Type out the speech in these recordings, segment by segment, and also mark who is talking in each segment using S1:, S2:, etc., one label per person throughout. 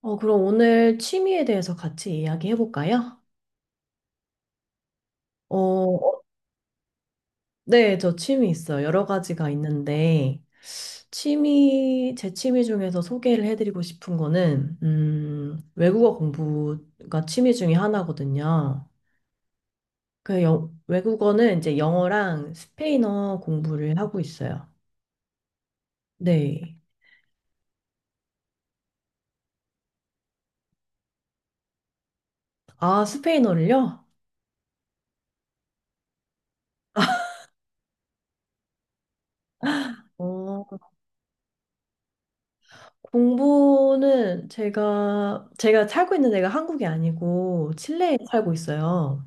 S1: 그럼 오늘 취미에 대해서 같이 이야기해 볼까요? 어, 네, 저 취미 있어요. 여러 가지가 있는데, 제 취미 중에서 소개를 해드리고 싶은 거는 외국어 공부가 취미 중에 하나거든요. 외국어는 이제 영어랑 스페인어 공부를 하고 있어요. 네. 아, 스페인어를요? 어, 공부는 제가 살고 있는 데가 한국이 아니고 칠레에 살고 있어요.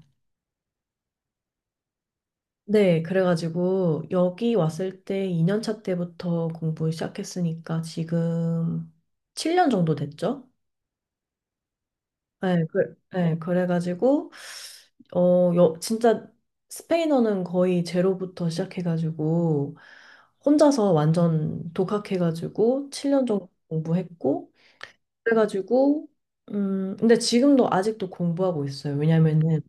S1: 네, 그래가지고 여기 왔을 때 2년 차 때부터 공부 시작했으니까 지금 7년 정도 됐죠? 네, 네, 그래가지고 진짜 스페인어는 거의 제로부터 시작해가지고 혼자서 완전 독학해가지고 7년 정도 공부했고 그래가지고 근데 지금도 아직도 공부하고 있어요. 왜냐면은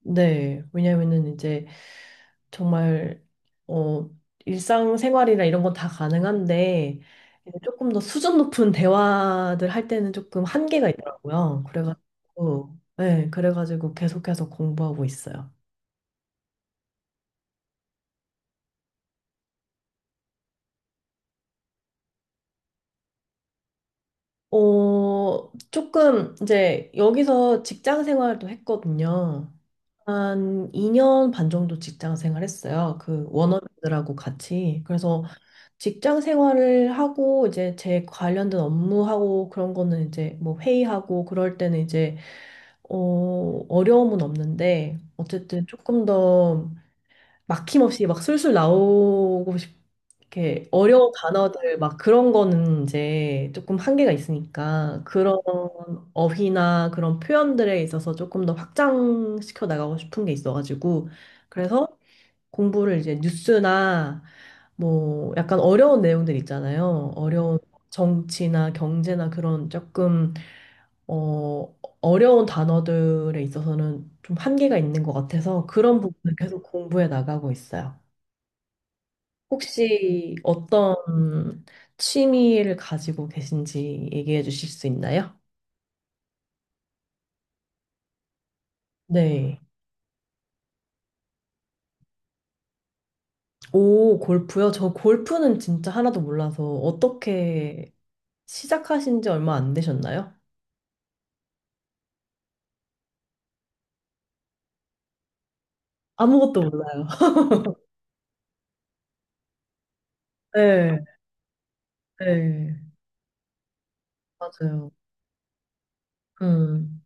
S1: 네, 왜냐면은 이제 정말 어 일상생활이나 이런 건 다 가능한데 이제 조금 더 수준 높은 대화들 할 때는 조금 한계가 있더라고요. 그래가지고 네, 그래가지고 계속해서 공부하고 있어요. 조금 이제 여기서 직장 생활도 했거든요. 한 2년 반 정도 직장 생활했어요. 그 원어민들하고 같이. 그래서 직장 생활을 하고 이제 제 관련된 업무하고 그런 거는 이제 뭐 회의하고 그럴 때는 이제 어려움은 없는데 어쨌든 조금 더 막힘없이 막 술술 나오고 싶 이렇게 어려운 단어들 막 그런 거는 이제 조금 한계가 있으니까 그런 어휘나 그런 표현들에 있어서 조금 더 확장시켜 나가고 싶은 게 있어가지고 그래서 공부를 이제 뉴스나 뭐 약간 어려운 내용들 있잖아요. 어려운 정치나 경제나 그런 조금 어 어려운 단어들에 있어서는 좀 한계가 있는 것 같아서 그런 부분을 계속 공부해 나가고 있어요. 혹시 어떤 취미를 가지고 계신지 얘기해 주실 수 있나요? 네. 오, 골프요? 저 골프는 진짜 하나도 몰라서 어떻게 시작하신 지 얼마 안 되셨나요? 아무것도 몰라요. 네, 네, 맞아요. 음,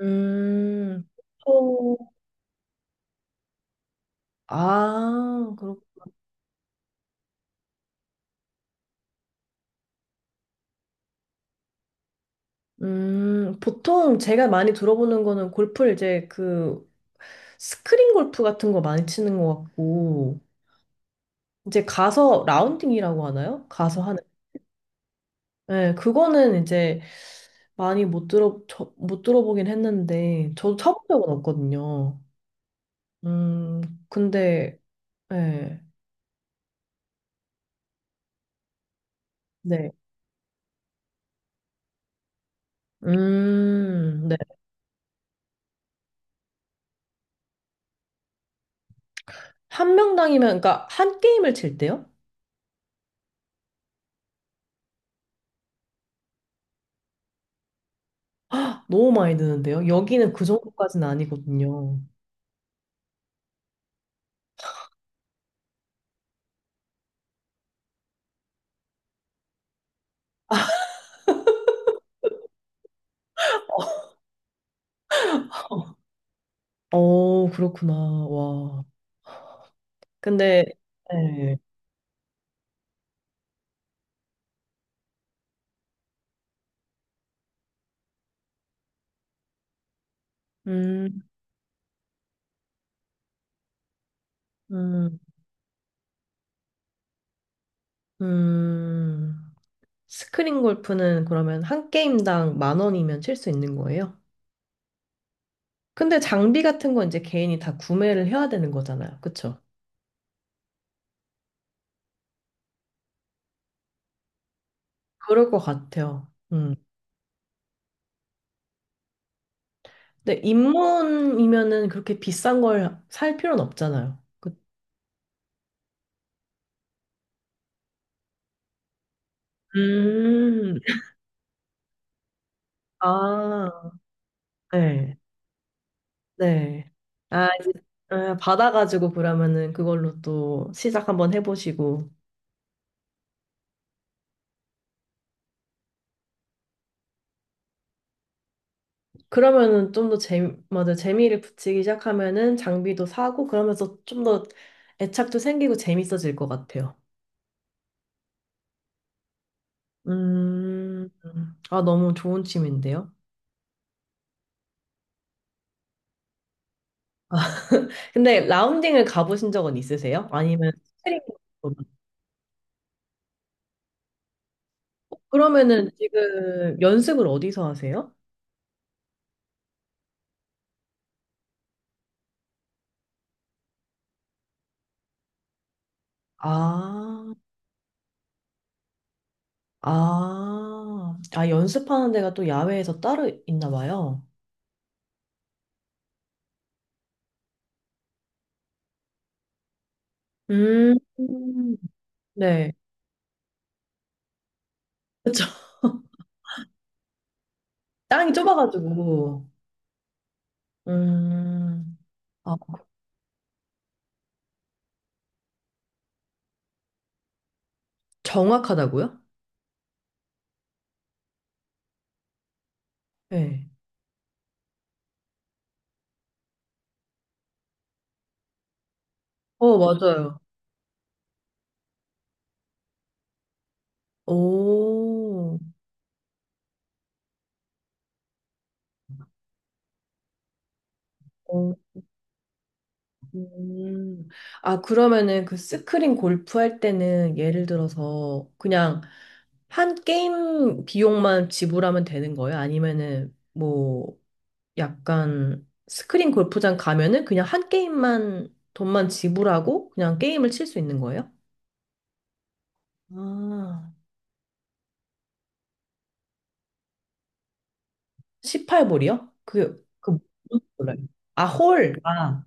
S1: 음, 보통, 아, 그렇, 보통 제가 많이 들어보는 거는 골프를 이제 그 스크린 골프 같은 거 많이 치는 것 같고, 이제 가서 라운딩이라고 하나요? 가서 하는. 네, 그거는 이제 많이 못 들어보긴 했는데, 저도 쳐본 적은 없거든요. 음, 근데, 네, 네. 네. 한 명당이면, 그러니까 한 게임을 칠 때요? 아, 너무 많이 드는데요? 여기는 그 정도까지는 아니거든요. 어, 그렇구나. 와. 근데, 네. 음, 음, 음. 스크린 골프는 그러면 한 게임당 만 원이면 칠 수 있는 거예요? 근데 장비 같은 건 이제 개인이 다 구매를 해야 되는 거잖아요. 그쵸? 그럴 것 같아요. 음. 근데 입문이면은 그렇게 비싼 걸 살 필요는 없잖아요. 음, 아, 네, 네. 아, 이제 아, 받아가지고 그러면은 그걸로 또 시작 한번 해보시고. 그러면은 좀 더 재미를 붙이기 시작하면은 장비도 사고 그러면서 좀 더 애착도 생기고 재밌어질 것 같아요. 음, 너무 좋은 취미인데요. 근데 라운딩을 가보신 적은 있으세요? 아니면 스크린? 그러면은 지금 연습을 어디서 하세요? 아. 아, 아, 연습하는 데가 또 야외에서 따로 있나 봐요. 음, 네. 그쵸. 땅이 좁아가지고. 음, 아, 정확하다고요? 네. 어, 맞아요. 오, 어, 음. 아, 그러면은 그 스크린 골프 할 때는 예를 들어서 그냥 한 게임 비용만 지불하면 되는 거예요? 아니면은 뭐. 약간 스크린 골프장 가면은 그냥 한 게임만 돈만 지불하고 그냥 게임을 칠 수 있는 거예요? 아, 18볼이요? 뭔지 몰라요. 아, 홀. 아,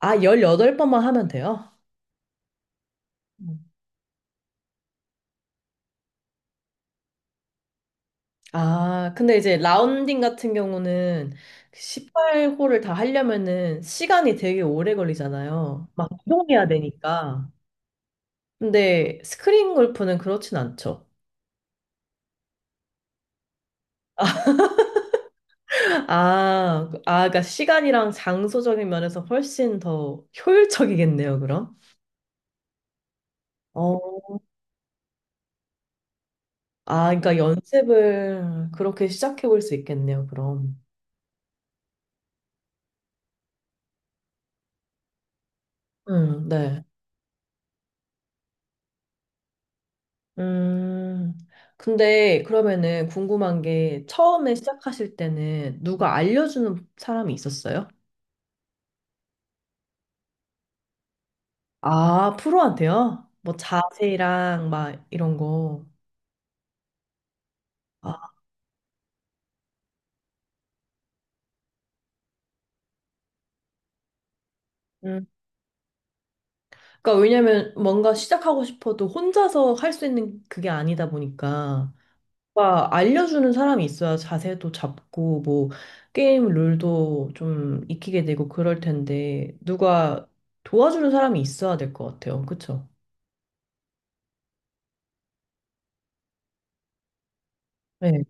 S1: 아, 18번만 하면 돼요? 음. 아, 근데 이제 라운딩 같은 경우는 18홀을 다 하려면은 시간이 되게 오래 걸리잖아요. 막 이동해야 되니까. 근데 스크린 골프는 그렇진 않죠. 아, 아, 그러니까 시간이랑 장소적인 면에서 훨씬 더 효율적이겠네요, 그럼. 어, 그러니까 연습을 그렇게 시작해 볼 수 있겠네요, 그럼. 네. 음, 근데 그러면은 궁금한 게 처음에 시작하실 때는 누가 알려주는 사람이 있었어요? 아, 프로한테요? 뭐 자세랑 막 이런 거. 아, 음. 그러니까 왜냐면 뭔가 시작하고 싶어도 혼자서 할 수 있는 그게 아니다 보니까. 뭔가 알려주는 사람이 있어야 자세도 잡고 뭐 게임 룰도 좀 익히게 되고 그럴 텐데 누가 도와주는 사람이 있어야 될 것 같아요. 그쵸? 네.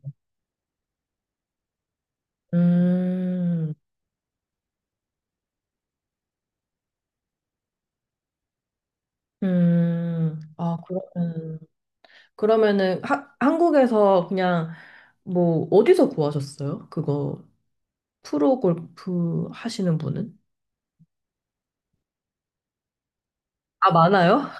S1: 음, 음, 아, 그러면, 그러면은 한국에서 그냥 뭐 어디서 구하셨어요? 그거 프로 골프 하시는 분은? 아, 많아요?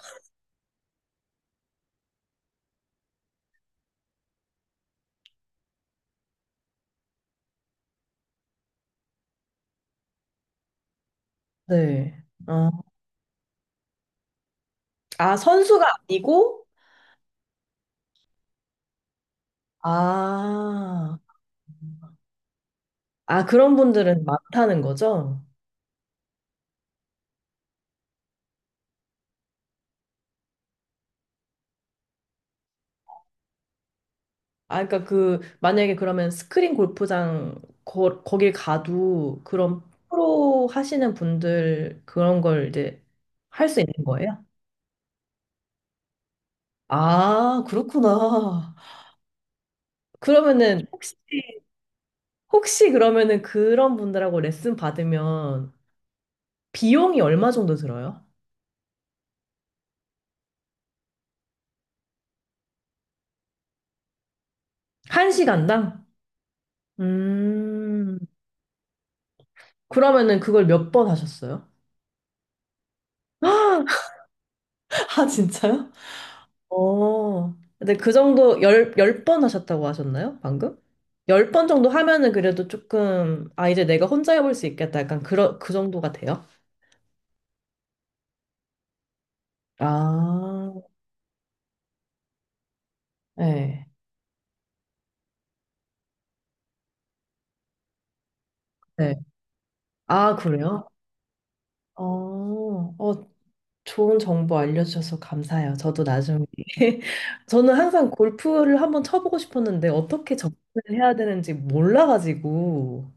S1: 네. 어. 아, 선수가 아니고? 아. 아, 그런 분들은 많다는 거죠? 아, 그러니까 만약에 그러면 스크린 골프장 거길 가도 그런 프로 하시는 분들 그런 걸 이제 할 수 있는 거예요? 아, 그렇구나. 그러면은 혹시 그러면은 그런 분들하고 레슨 받으면 비용이 얼마 정도 들어요? 1시간당? 음, 그러면은 그걸 몇 번 하셨어요? 아, 진짜요? 어, 근데 그 정도 10번 하셨다고 하셨나요? 방금? 10번 정도 하면은 그래도 조금, 아, 이제 내가 혼자 해볼 수 있겠다. 약간 그 정도가 돼요? 아, 네. 네. 아, 그래요? 어, 어, 좋은 정보 알려주셔서 감사해요. 저도 나중에. 저는 항상 골프를 한번 쳐보고 싶었는데 어떻게 접근을 해야 되는지 몰라가지고.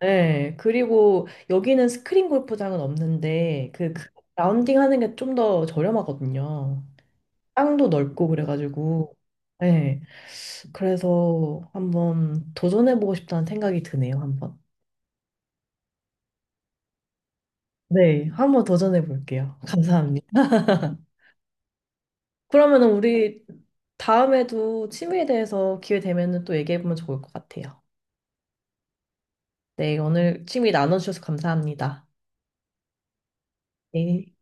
S1: 네, 그리고 여기는 스크린 골프장은 없는데 그 라운딩 하는 게 좀 더 저렴하거든요. 땅도 넓고 그래가지고 네, 그래서 한번 도전해보고 싶다는 생각이 드네요, 한번. 네, 한번 도전해볼게요. 감사합니다. 그러면 우리 다음에도 취미에 대해서 기회 되면 또 얘기해보면 좋을 것 같아요. 네, 오늘 취미 나눠주셔서 감사합니다. 네.